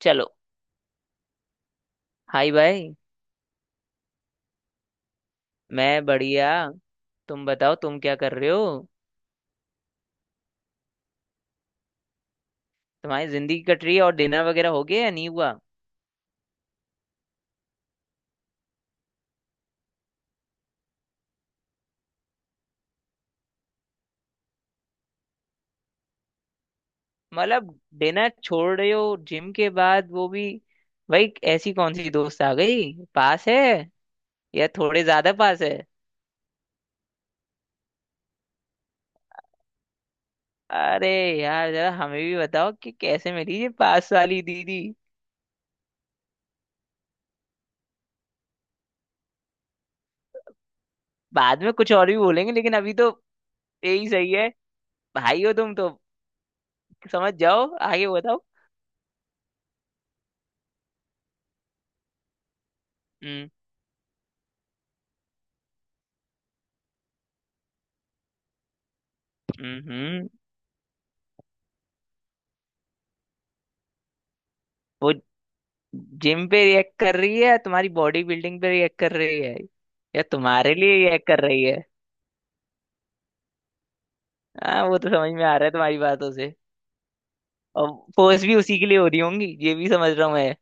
चलो। हाय भाई। मैं बढ़िया। तुम बताओ, तुम क्या कर रहे हो। तुम्हारी जिंदगी कट रही है, और डिनर वगैरह हो गया या नहीं हुआ। मतलब डिनर छोड़ रहे हो जिम के बाद वो भी। भाई ऐसी कौन सी दोस्त आ गई पास है, या थोड़े ज्यादा पास है। अरे यार जरा हमें भी बताओ कि कैसे मिली ये पास वाली दीदी। बाद में कुछ और भी बोलेंगे, लेकिन अभी तो यही सही है। भाई हो तुम तो। समझ जाओ, आगे बताओ। हम्म। हम्म। हम्म। वो जिम पे रिएक्ट कर रही है या तुम्हारी बॉडी बिल्डिंग पे रिएक्ट कर रही है, या तुम्हारे लिए रिएक्ट कर रही है। हाँ वो तो समझ में आ रहा है तुम्हारी बातों से। और पोस्ट भी उसी के लिए हो रही होंगी, ये भी समझ रहा हूँ मैं।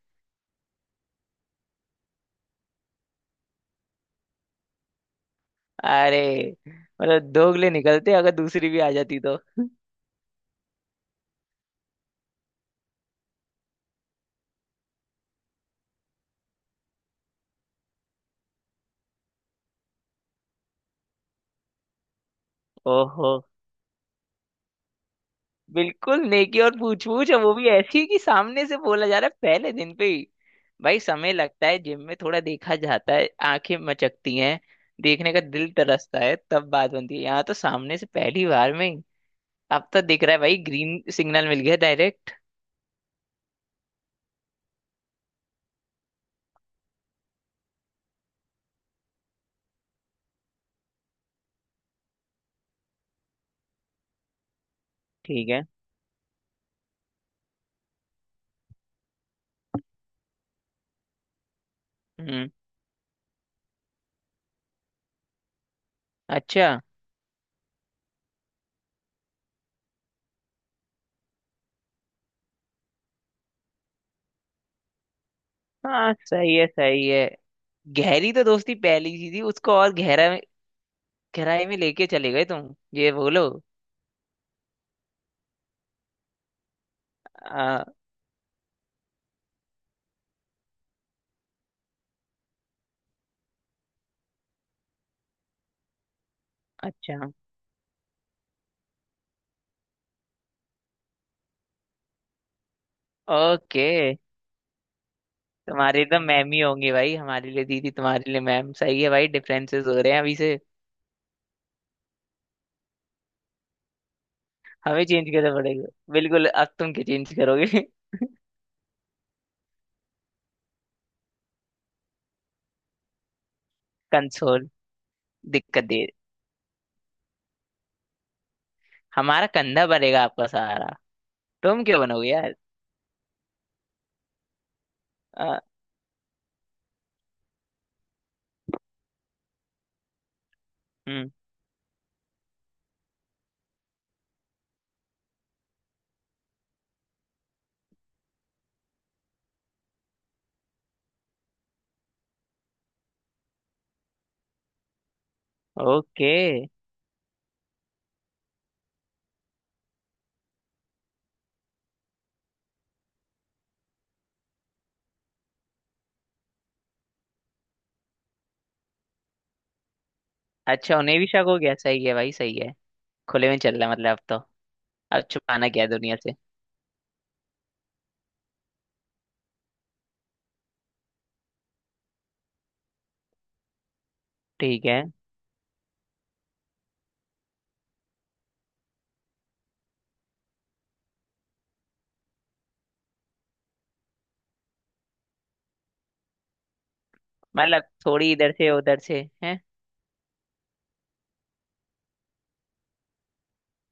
अरे मतलब दोगले निकलते अगर दूसरी भी आ जाती तो। ओहो। बिल्कुल नेकी और पूछ पूछ है, वो भी ऐसी कि सामने से बोला जा रहा है पहले दिन पे ही। भाई समय लगता है, जिम में थोड़ा देखा जाता है, आंखें मचकती हैं, देखने का दिल तरसता है, तब बात बनती है। यहाँ तो सामने से पहली बार में। अब तो दिख रहा है भाई, ग्रीन सिग्नल मिल गया डायरेक्ट। ठीक है। हम्म। अच्छा। हाँ सही है, सही है। गहरी तो दोस्ती पहली सी थी उसको और गहराई में लेके चले गए तुम, ये बोलो। आ, अच्छा। ओके। तुम्हारे तो मैम ही होंगे भाई, हमारे लिए दीदी तुम्हारे लिए मैम। सही है भाई, डिफरेंसेस हो रहे हैं अभी से। हमें चेंज करना पड़ेगा। बिल्कुल अब तुम क्या चेंज करोगे। कंसोल। दिक्कत दे। हमारा कंधा बनेगा आपका सहारा। तुम क्यों बनोगे यार। आ, हम्म। ओके। अच्छा उन्हें भी शक हो गया, सही है भाई सही है। खुले में चल रहा है मतलब अब तो। अब छुपाना क्या है दुनिया से। ठीक है। मतलब थोड़ी इधर से उधर से है।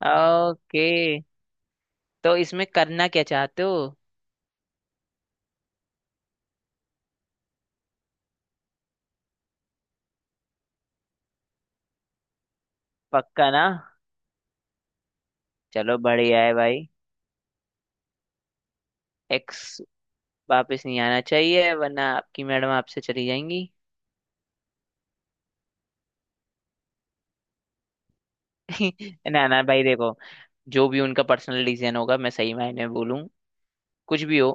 ओके। तो इसमें करना क्या चाहते हो। पक्का ना। चलो बढ़िया है भाई। एक्स वापस नहीं आना चाहिए, वरना आपकी मैडम आपसे चली जाएंगी। ना ना भाई देखो, जो भी उनका पर्सनल डिसीजन होगा, मैं सही मायने में बोलूँ, कुछ भी हो,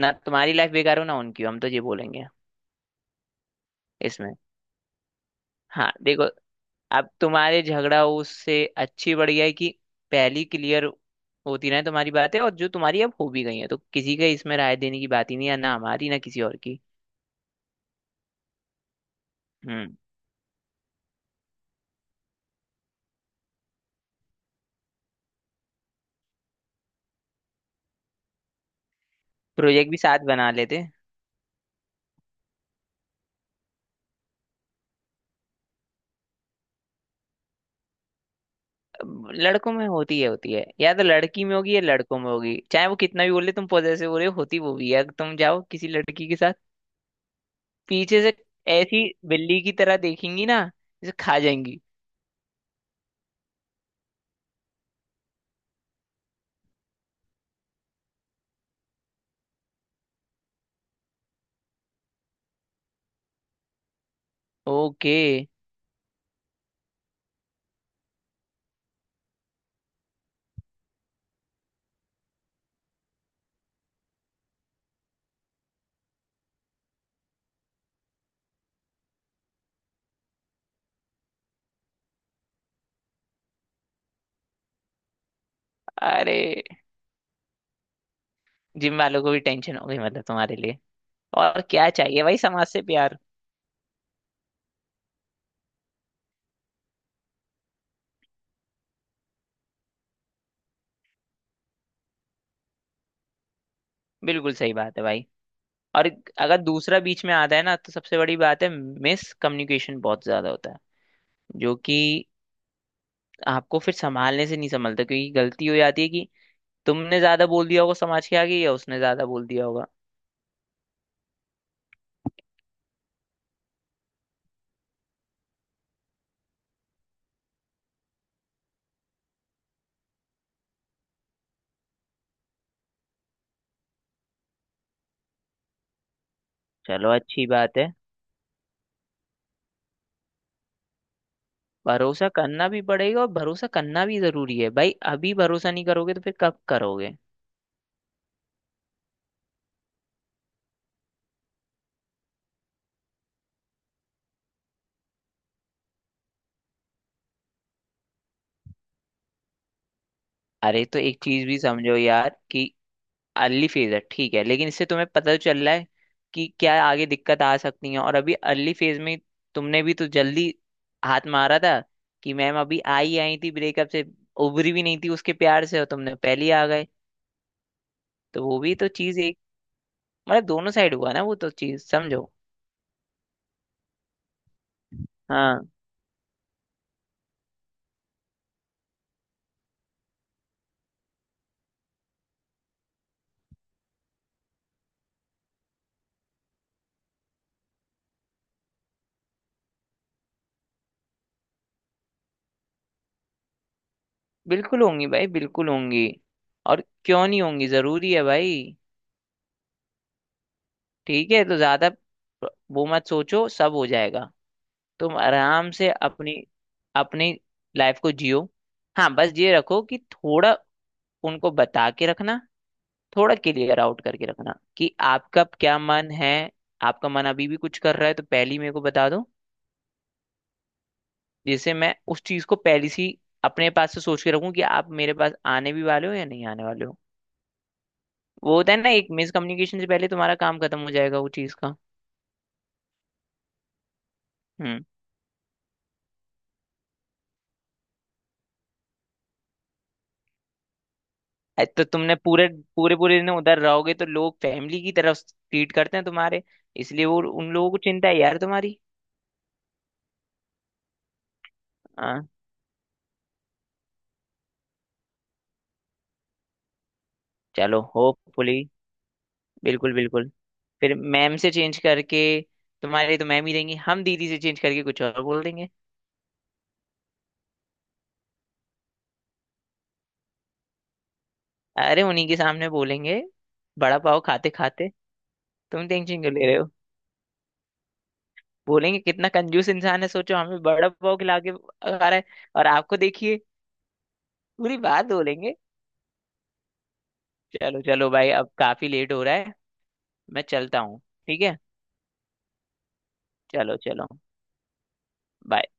ना तुम्हारी लाइफ बेकार हो ना उनकी हो, हम तो ये बोलेंगे इसमें। हाँ देखो, अब तुम्हारे झगड़ा उससे अच्छी बढ़िया है कि पहली क्लियर होती रहे तुम्हारी बातें, और जो तुम्हारी अब हो भी गई है तो किसी के इसमें राय देने की बात ही नहीं है, ना हमारी ना किसी और की। हम्म। प्रोजेक्ट भी साथ बना लेते। अब लड़कों में होती है, होती है, या तो लड़की में होगी या लड़कों में होगी, चाहे वो कितना भी बोले तुम पॉजेसिव हो रहे हो, होती वो भी है अगर तुम जाओ किसी लड़की के साथ। पीछे से ऐसी बिल्ली की तरह देखेंगी ना, जैसे खा जाएंगी। ओके। अरे जिम वालों को भी टेंशन हो गई मतलब तुम्हारे लिए। और क्या चाहिए भाई, समाज से प्यार। बिल्कुल सही बात है भाई। और अगर दूसरा बीच में आता है ना तो सबसे बड़ी बात है, मिस कम्युनिकेशन बहुत ज्यादा होता है, जो कि आपको फिर संभालने से नहीं संभलता, क्योंकि गलती हो जाती है कि तुमने ज्यादा बोल दिया होगा समाज के आगे, या उसने ज्यादा बोल दिया होगा। चलो अच्छी बात है। भरोसा करना भी पड़ेगा, और भरोसा करना भी जरूरी है भाई, अभी भरोसा नहीं करोगे तो फिर कब करोगे। अरे तो एक चीज भी समझो यार कि अर्ली फेज है ठीक है, लेकिन इससे तुम्हें पता तो चल रहा है कि क्या आगे दिक्कत आ सकती है। और अभी अर्ली फेज में तुमने भी तो जल्दी हाथ मारा था, कि मैम अभी आई आई थी ब्रेकअप से, उभरी भी नहीं थी उसके प्यार से और तुमने पहले ही आ गए। तो वो भी तो चीज एक, मतलब दोनों साइड हुआ ना, वो तो चीज समझो। हाँ बिल्कुल होंगी भाई, बिल्कुल होंगी। और क्यों नहीं होंगी, जरूरी है भाई। ठीक है तो ज्यादा वो मत सोचो, सब हो जाएगा। तुम आराम से अपनी अपनी लाइफ को जियो। हाँ बस ये रखो कि थोड़ा उनको बता के रखना, थोड़ा क्लियर आउट करके रखना कि आपका क्या मन है। आपका मन अभी भी कुछ कर रहा है तो पहले ही मेरे को बता दो, जिससे मैं उस चीज को पहले से ही अपने पास से सोच के रखूं कि आप मेरे पास आने भी वाले हो या नहीं आने वाले हो। वो होता है ना, एक मिस कम्युनिकेशन से पहले तुम्हारा काम खत्म हो जाएगा वो चीज का। हम्म। अरे तो तुमने पूरे पूरे पूरे दिन उधर रहोगे तो लोग फैमिली की तरफ ट्रीट करते हैं तुम्हारे, इसलिए वो उन लोगों को चिंता है यार तुम्हारी। हाँ। चलो होपफुली। बिल्कुल बिल्कुल। फिर मैम से चेंज करके, तुम्हारे तो मैम ही देंगी, हम दीदी से चेंज करके कुछ और बोल देंगे। अरे उन्हीं के सामने बोलेंगे, बड़ा पाव खाते खाते। तुम टेंशन क्यों ले रहे हो। बोलेंगे कितना कंजूस इंसान है, सोचो हमें बड़ा पाव खिला के आ रहा है। और आपको देखिए पूरी बात बोलेंगे। चलो चलो भाई अब काफी लेट हो रहा है। मैं चलता हूँ। ठीक है, चलो चलो। बाय।